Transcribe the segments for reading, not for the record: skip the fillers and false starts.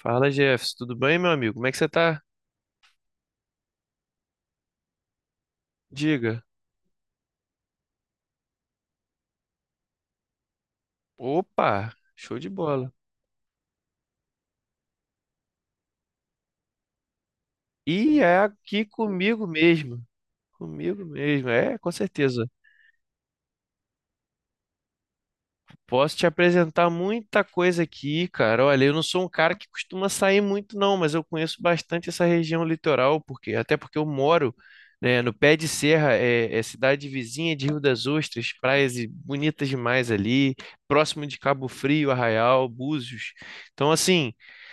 Fala, Jefferson, tudo bem, meu amigo? Como é que você tá? Diga. Opa, show de bola. E é aqui comigo mesmo. Comigo mesmo, é, com certeza. Posso te apresentar muita coisa aqui, cara. Olha, eu não sou um cara que costuma sair muito, não, mas eu conheço bastante essa região litoral, porque até porque eu moro, né, no pé de serra, é, é cidade vizinha de Rio das Ostras, bonitas demais ali, próximo de Cabo Frio, Arraial, Búzios. Então, assim,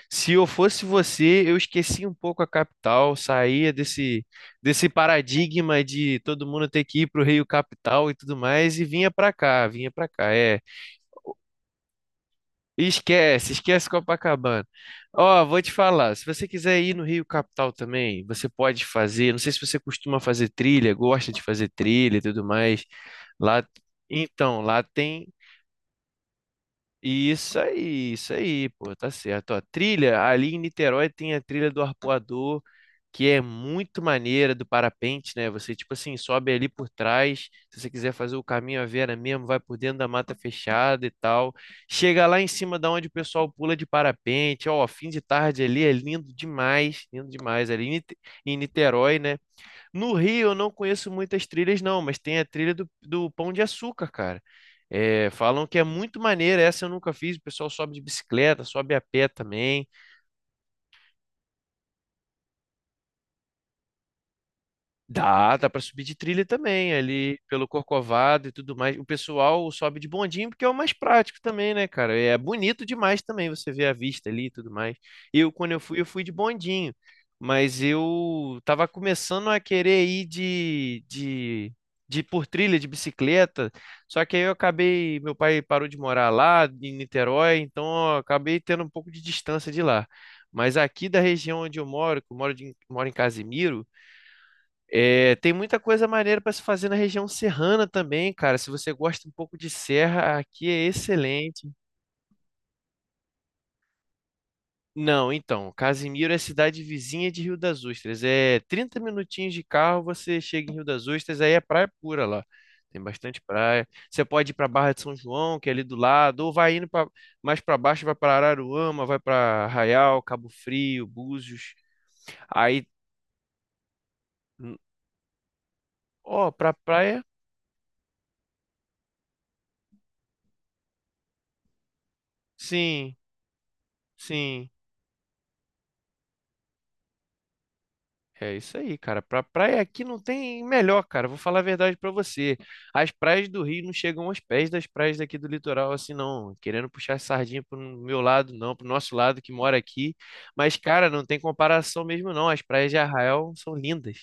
se eu fosse você, eu esquecia um pouco a capital, saía desse paradigma de todo mundo ter que ir para o Rio Capital e tudo mais, e vinha para cá, vinha para cá. É. Esquece Copacabana. Ó, vou te falar, se você quiser ir no Rio Capital também, você pode fazer. Não sei se você costuma fazer trilha, gosta de fazer trilha e tudo mais. Lá, então, lá tem isso aí, pô, tá certo. Ó, trilha, ali em Niterói tem a trilha do Arpoador, que é muito maneira do parapente, né? Você, tipo assim, sobe ali por trás. Se você quiser fazer o caminho à Vera mesmo, vai por dentro da mata fechada e tal. Chega lá em cima da onde o pessoal pula de parapente. Ó, fim de tarde ali é lindo demais, lindo demais. Em Niterói, né? No Rio eu não conheço muitas trilhas, não, mas tem a trilha do Pão de Açúcar, cara. É, falam que é muito maneira, essa eu nunca fiz. O pessoal sobe de bicicleta, sobe a pé também. Dá para subir de trilha também, ali pelo Corcovado e tudo mais. O pessoal sobe de bondinho porque é o mais prático também, né, cara? É bonito demais também você ver a vista ali e tudo mais. Eu, quando eu fui de bondinho, mas eu tava começando a querer ir de por trilha de bicicleta, só que aí eu acabei, meu pai parou de morar lá em Niterói, então eu acabei tendo um pouco de distância de lá. Mas aqui da região onde eu moro, que eu moro, de, moro em Casimiro, é, tem muita coisa maneira para se fazer na região serrana também, cara. Se você gosta um pouco de serra, aqui é excelente. Não, então, Casimiro é cidade vizinha de Rio das Ostras. É 30 minutinhos de carro, você chega em Rio das Ostras, aí é praia pura lá. Tem bastante praia. Você pode ir para Barra de São João, que é ali do lado, ou vai indo pra, mais para baixo, vai para Araruama, vai para Arraial, Cabo Frio, Búzios. Aí, ó, para praia, sim, sim. É isso aí, cara. Pra praia aqui não tem melhor, cara. Vou falar a verdade pra você. As praias do Rio não chegam aos pés das praias daqui do litoral, assim, não. Querendo puxar sardinha pro meu lado, não, pro nosso lado que mora aqui. Mas, cara, não tem comparação mesmo, não. As praias de Arraial são lindas.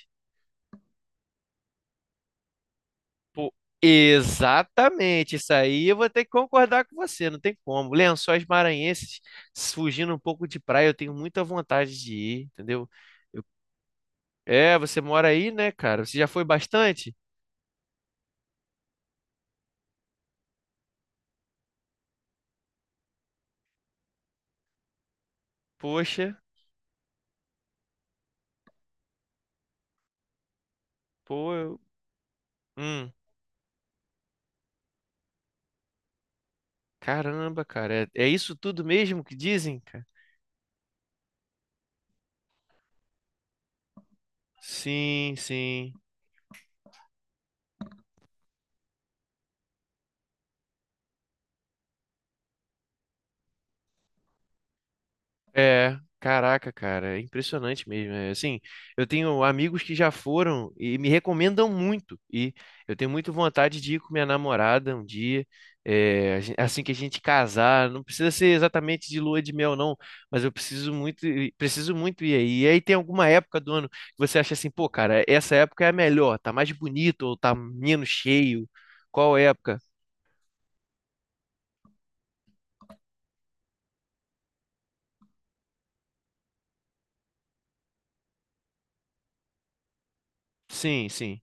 Pô, exatamente. Isso aí eu vou ter que concordar com você, não tem como. Lençóis maranhenses, fugindo um pouco de praia, eu tenho muita vontade de ir, entendeu? Eu- É, você mora aí, né, cara? Você já foi bastante? Poxa, pô, eu- hum, caramba, cara, é, é isso tudo mesmo que dizem, cara? Sim, sim. É, caraca, cara, é impressionante mesmo. É, assim, eu tenho amigos que já foram e me recomendam muito. E eu tenho muita vontade de ir com minha namorada um dia, é, assim que a gente casar. Não precisa ser exatamente de lua de mel, não, mas eu preciso muito, preciso muito ir aí. E aí tem alguma época do ano que você acha assim, pô, cara, essa época é a melhor, tá mais bonito ou tá menos cheio? Qual época? Sim, sim.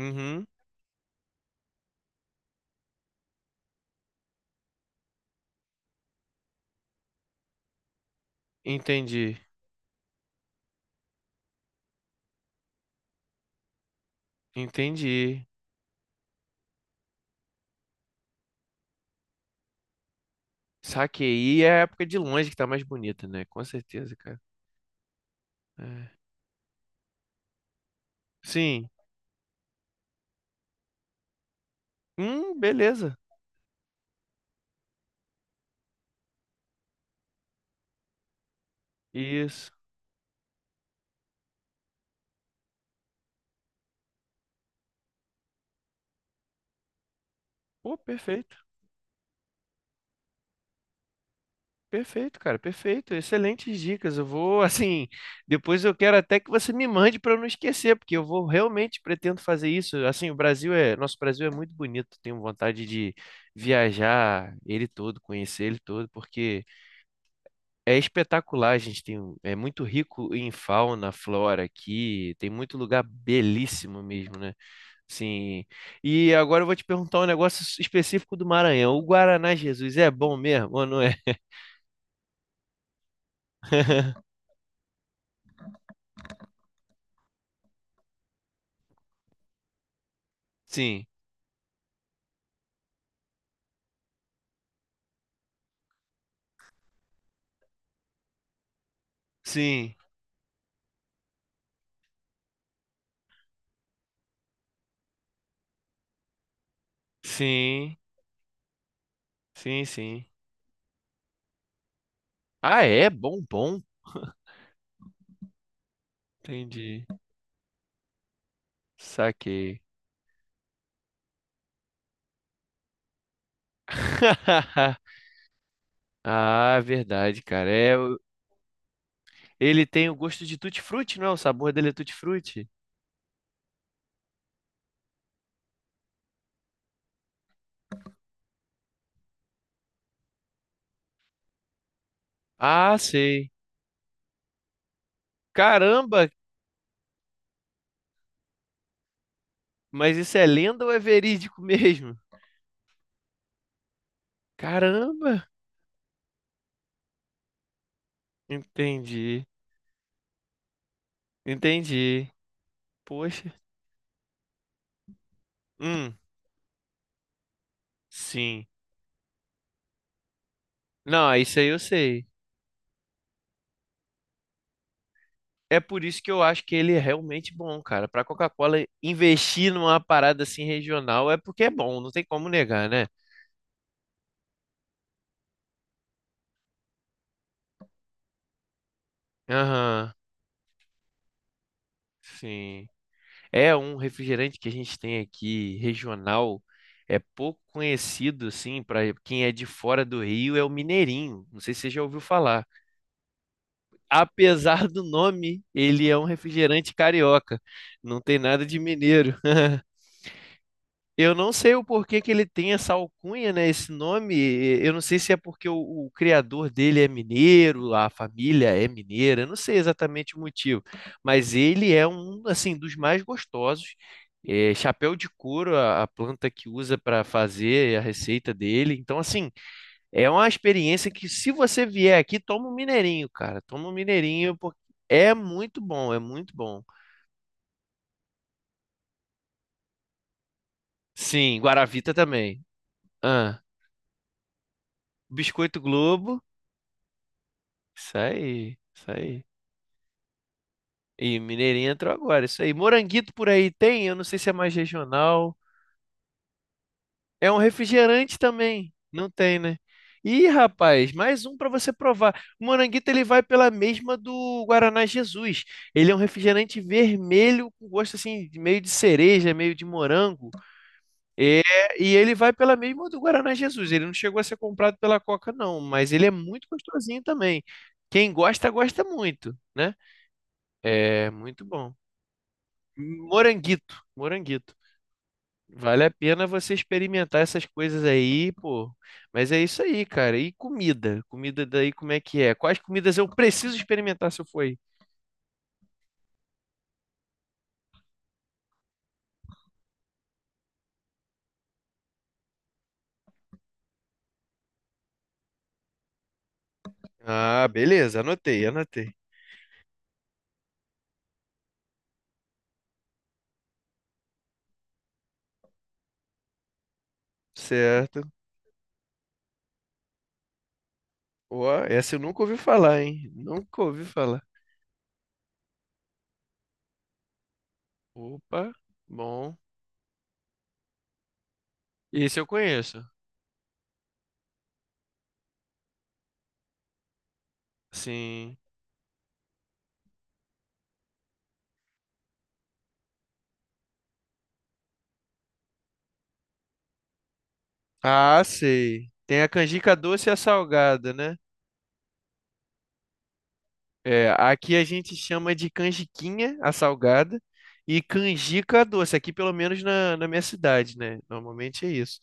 Uhum, entendi, entendi. Saquei, é a época de longe que tá mais bonita, né? Com certeza, cara. É. Sim. Beleza. Isso. Pô, perfeito. Perfeito, cara. Perfeito. Excelentes dicas. Eu vou, assim, depois eu quero até que você me mande para eu não esquecer, porque eu vou realmente pretendo fazer isso. Assim, o Brasil é, nosso Brasil é muito bonito. Tenho vontade de viajar ele todo, conhecer ele todo, porque é espetacular. A gente tem, é muito rico em fauna, flora aqui. Tem muito lugar belíssimo mesmo, né? Sim. E agora eu vou te perguntar um negócio específico do Maranhão. O Guaraná Jesus é bom mesmo ou não é? Sim, sim, sim, sim, sim. Ah, é bom, bom. Entendi. Saquei. Ah, verdade, cara. Ele tem o gosto de tutti-frutti, não é? O sabor dele é tutti-frutti. Ah, sei. Caramba, mas isso é lenda ou é verídico mesmo? Caramba. Entendi, entendi. Poxa. Hum, sim. Não, isso aí eu sei. É por isso que eu acho que ele é realmente bom, cara. Pra Coca-Cola investir numa parada assim regional é porque é bom, não tem como negar, né? Aham, sim. É um refrigerante que a gente tem aqui regional, é pouco conhecido assim pra quem é de fora do Rio, é o Mineirinho. Não sei se você já ouviu falar. Apesar do nome, ele é um refrigerante carioca. Não tem nada de mineiro. Eu não sei o porquê que ele tem essa alcunha, né? Esse nome. Eu não sei se é porque o criador dele é mineiro, a família é mineira. Eu não sei exatamente o motivo, mas ele é um assim dos mais gostosos. É, chapéu de couro, a planta que usa para fazer a receita dele. Então, assim, é uma experiência que se você vier aqui, toma um mineirinho, cara. Toma um mineirinho porque é muito bom, é muito bom. Sim, Guaravita também. Ah, Biscoito Globo. Isso aí, isso aí. E Mineirinho entrou agora, isso aí. Moranguito por aí tem? Eu não sei se é mais regional. É um refrigerante também. Não tem, né? Ih, rapaz, mais um para você provar. O Moranguito ele vai pela mesma do Guaraná Jesus. Ele é um refrigerante vermelho com gosto assim, meio de cereja, meio de morango. É, e ele vai pela mesma do Guaraná Jesus. Ele não chegou a ser comprado pela Coca, não, mas ele é muito gostosinho também. Quem gosta, gosta muito, né? É muito bom. Moranguito, moranguito. Vale a pena você experimentar essas coisas aí, pô. Mas é isso aí, cara. E comida? Comida daí, como é que é? Quais comidas eu preciso experimentar se eu for aí? Ah, beleza, anotei, anotei. Certo. Ó, essa eu nunca ouvi falar, hein? Nunca ouvi falar. Opa, bom. Esse eu conheço. Sim. Ah, sei. Tem a canjica doce e a salgada, né? É, aqui a gente chama de canjiquinha, a salgada, e canjica a doce, aqui pelo menos na, na minha cidade, né? Normalmente é isso.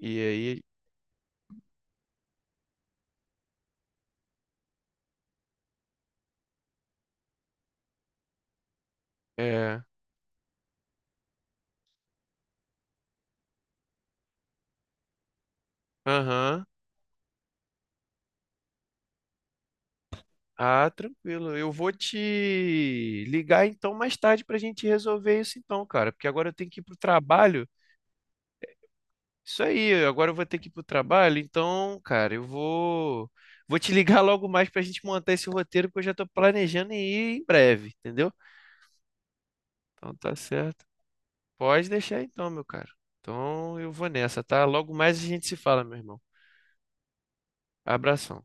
E aí, é, aham. Ah, tranquilo. Eu vou te ligar então mais tarde pra gente resolver isso então, cara, porque agora eu tenho que ir pro trabalho. Isso aí, agora eu vou ter que ir pro trabalho, então, cara, eu vou te ligar logo mais pra gente montar esse roteiro, porque eu já tô planejando em ir em breve, entendeu? Então tá certo. Pode deixar então, meu caro. Então eu vou nessa, tá? Logo mais a gente se fala, meu irmão. Abração.